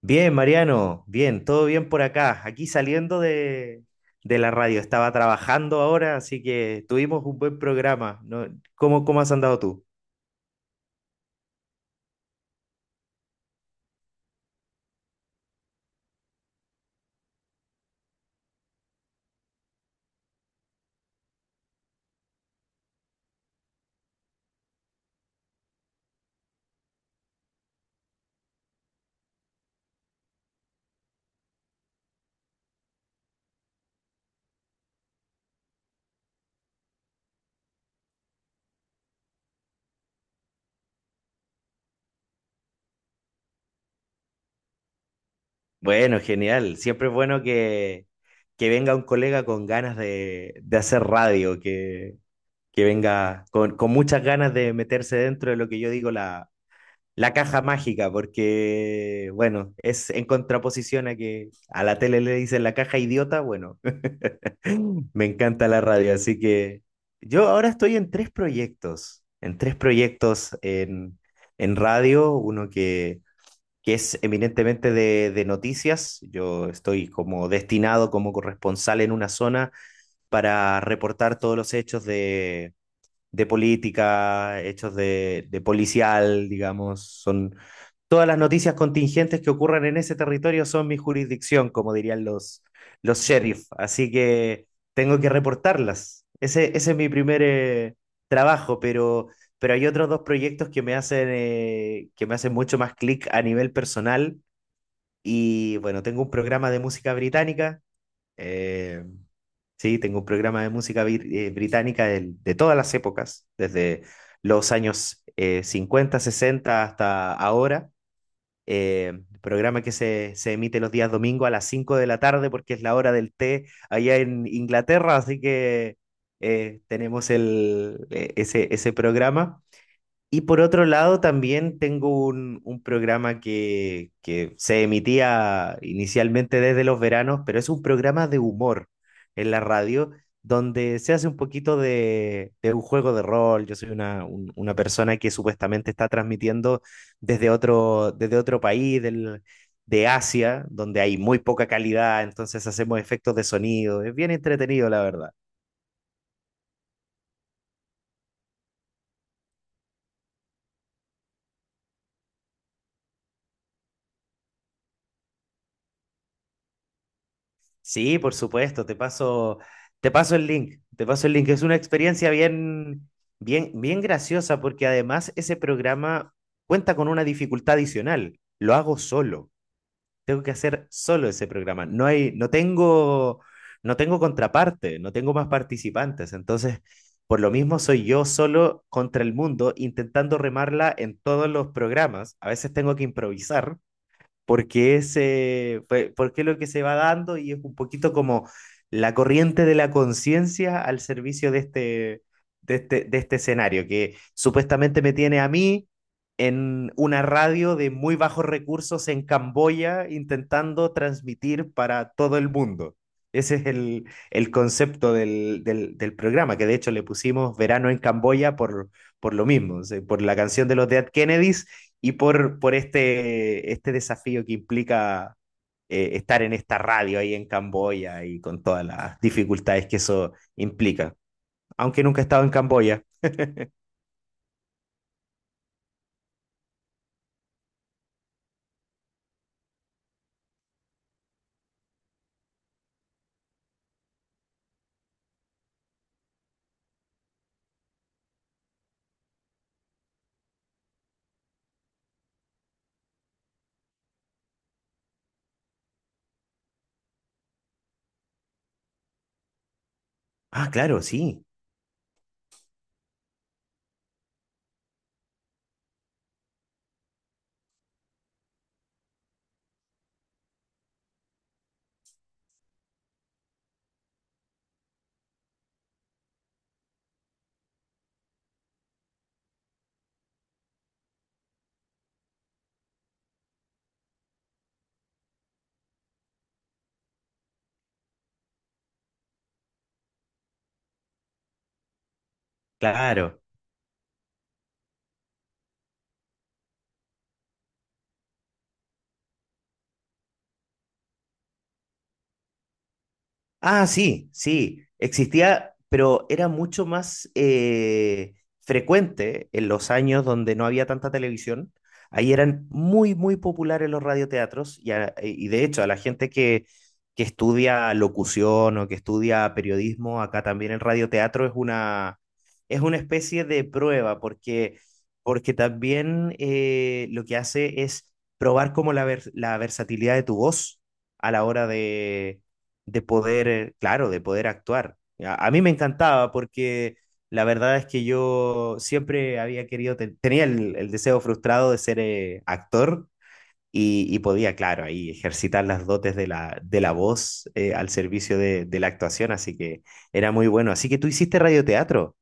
Bien, Mariano, bien, todo bien por acá. Aquí saliendo de la radio, estaba trabajando ahora, así que tuvimos un buen programa, ¿no? ¿Cómo has andado tú? Bueno, genial. Siempre es bueno que venga un colega con ganas de hacer radio, que venga con muchas ganas de meterse dentro de lo que yo digo la caja mágica, porque, bueno, es en contraposición a que a la tele le dicen la caja idiota, bueno. Me encanta la radio, así que yo ahora estoy en tres proyectos, en radio, uno que es eminentemente de noticias. Yo estoy como destinado como corresponsal en una zona para reportar todos los hechos de política, hechos de policial, digamos. Son todas las noticias contingentes que ocurran en ese territorio son mi jurisdicción, como dirían los sheriff, así que tengo que reportarlas. Ese es mi primer trabajo, pero hay otros dos proyectos que me hacen mucho más clic a nivel personal. Y bueno, tengo un programa de música británica. eh, Sí, tengo un programa de música británica de todas las épocas, desde los años 50, 60 hasta ahora. Programa que se emite los días domingo a las 5 de la tarde porque es la hora del té allá en Inglaterra, así que tenemos ese programa. Y por otro lado, también tengo un programa que se emitía inicialmente desde los veranos, pero es un programa de humor en la radio, donde se hace un poquito de un juego de rol. Yo soy una persona que supuestamente está transmitiendo desde otro país de Asia, donde hay muy poca calidad, entonces hacemos efectos de sonido. Es bien entretenido, la verdad. Sí, por supuesto, te paso el link. Es una experiencia bien, bien, bien graciosa porque además ese programa cuenta con una dificultad adicional. Lo hago solo, tengo que hacer solo ese programa. No tengo contraparte, no tengo más participantes. Entonces, por lo mismo soy yo solo contra el mundo intentando remarla en todos los programas. A veces tengo que improvisar porque es lo que se va dando y es un poquito como la corriente de la conciencia al servicio de este escenario, que supuestamente me tiene a mí en una radio de muy bajos recursos en Camboya intentando transmitir para todo el mundo. Ese es el concepto del programa, que de hecho le pusimos Verano en Camboya por, lo mismo, o sea, por la canción de los Dead Kennedys y por este desafío que implica estar en esta radio ahí en Camboya y con todas las dificultades que eso implica. Aunque nunca he estado en Camboya. Ah, claro, sí, claro. Ah, sí, sí, existía, pero era mucho más frecuente en los años donde no había tanta televisión. Ahí eran muy, muy populares los radioteatros, y de hecho a la gente que estudia locución o que estudia periodismo, acá también el radioteatro es una especie de prueba porque, también lo que hace es probar como la versatilidad de tu voz a la hora de poder, claro, de poder actuar. A mí me encantaba porque la verdad es que yo siempre había querido, tenía el deseo frustrado de ser actor, y podía, claro, ahí ejercitar las dotes de la voz al servicio de la actuación, así que era muy bueno. Así que tú hiciste radioteatro.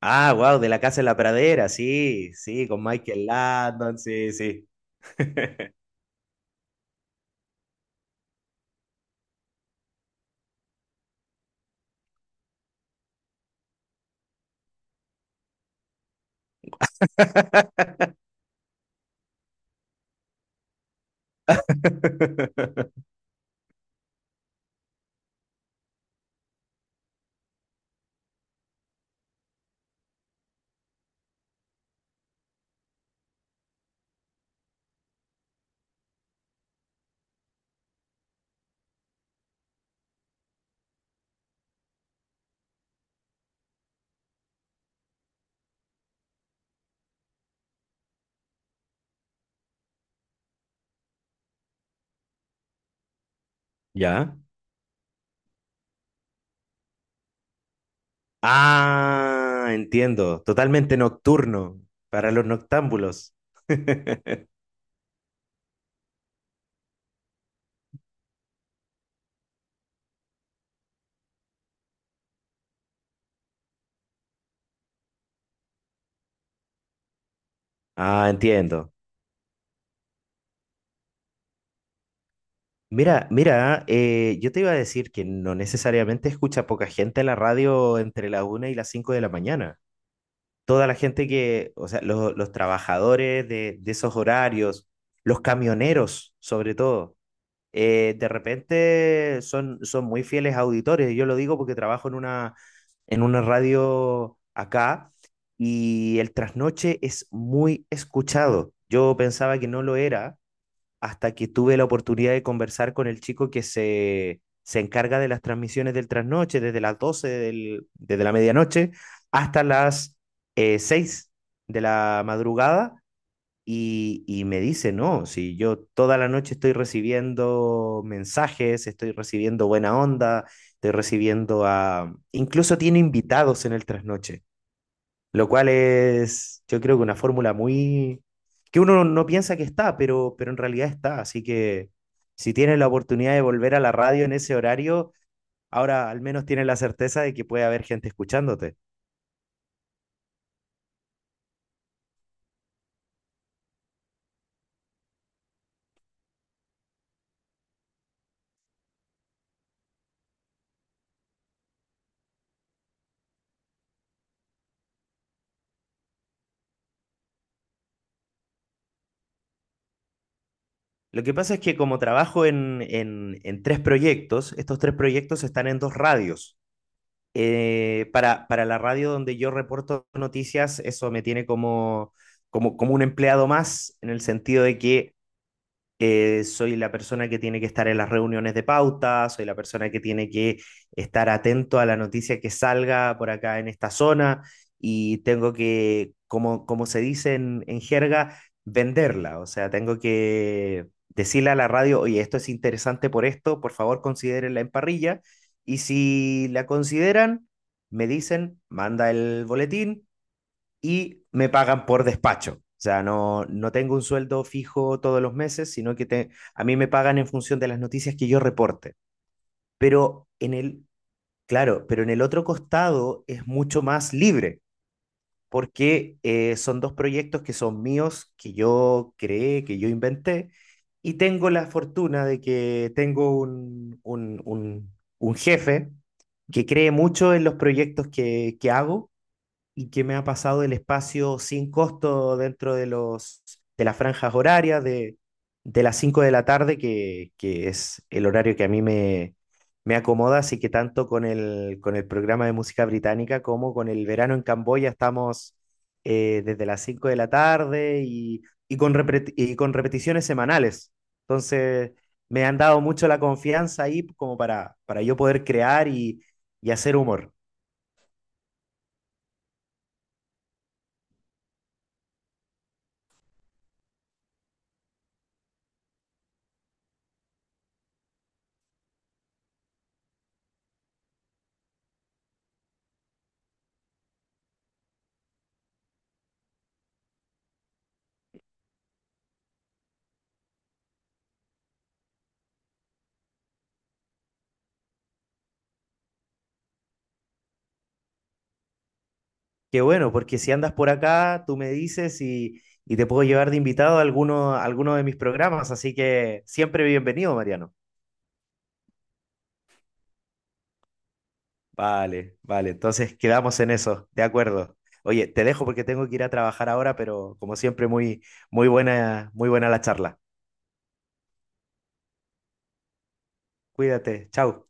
Ah, wow, de la casa en la pradera, sí, sí, con Michael Landon, sí, sí. ¿Ya? Ah, entiendo. Totalmente nocturno para los noctámbulos. Ah, entiendo. Mira, mira, yo te iba a decir que no necesariamente escucha poca gente la radio entre la una y las 5 de la mañana. Toda la gente que, o sea, los trabajadores de esos horarios, los camioneros sobre todo, de repente son muy fieles auditores. Yo lo digo porque trabajo en una radio acá y el trasnoche es muy escuchado. Yo pensaba que no lo era hasta que tuve la oportunidad de conversar con el chico que se encarga de las transmisiones del trasnoche desde las 12 desde la medianoche hasta las 6 de la madrugada, y me dice, no, si yo toda la noche estoy recibiendo mensajes, estoy recibiendo buena onda, estoy recibiendo a. Incluso tiene invitados en el trasnoche, lo cual es, yo creo que una fórmula muy. Que uno no piensa que está, pero en realidad está. Así que si tienes la oportunidad de volver a la radio en ese horario, ahora al menos tienes la certeza de que puede haber gente escuchándote. Lo que pasa es que como trabajo en tres proyectos, estos tres proyectos están en dos radios. Para la radio donde yo reporto noticias, eso me tiene como un empleado más, en el sentido de que soy la persona que tiene que estar en las reuniones de pauta, soy la persona que tiene que estar atento a la noticia que salga por acá en esta zona y tengo que, como se dice en jerga, venderla. O sea, tengo que decirle a la radio, oye, esto es interesante por esto, por favor considérenla en parrilla. Y si la consideran, me dicen, manda el boletín y me pagan por despacho. O sea, no tengo un sueldo fijo todos los meses, sino que a mí me pagan en función de las noticias que yo reporte. Pero en el, claro, pero en el otro costado es mucho más libre, porque son dos proyectos que son míos, que yo creé, que yo inventé, y tengo la fortuna de que tengo un jefe que cree mucho en los proyectos que hago y que me ha pasado del espacio sin costo dentro de las franjas horarias de las 5 de la tarde, que es el horario que a mí me acomoda, así que tanto con el programa de música británica como con el verano en Camboya estamos desde las 5 de la tarde, y con repeticiones semanales. Entonces, me han dado mucho la confianza ahí como para yo poder crear y hacer humor. Qué bueno, porque si andas por acá, tú me dices y te puedo llevar de invitado a alguno, de mis programas, así que siempre bienvenido, Mariano. Vale, vale, entonces quedamos en eso, de acuerdo. Oye, te dejo porque tengo que ir a trabajar ahora, pero como siempre, muy, muy buena la charla. Cuídate, chao.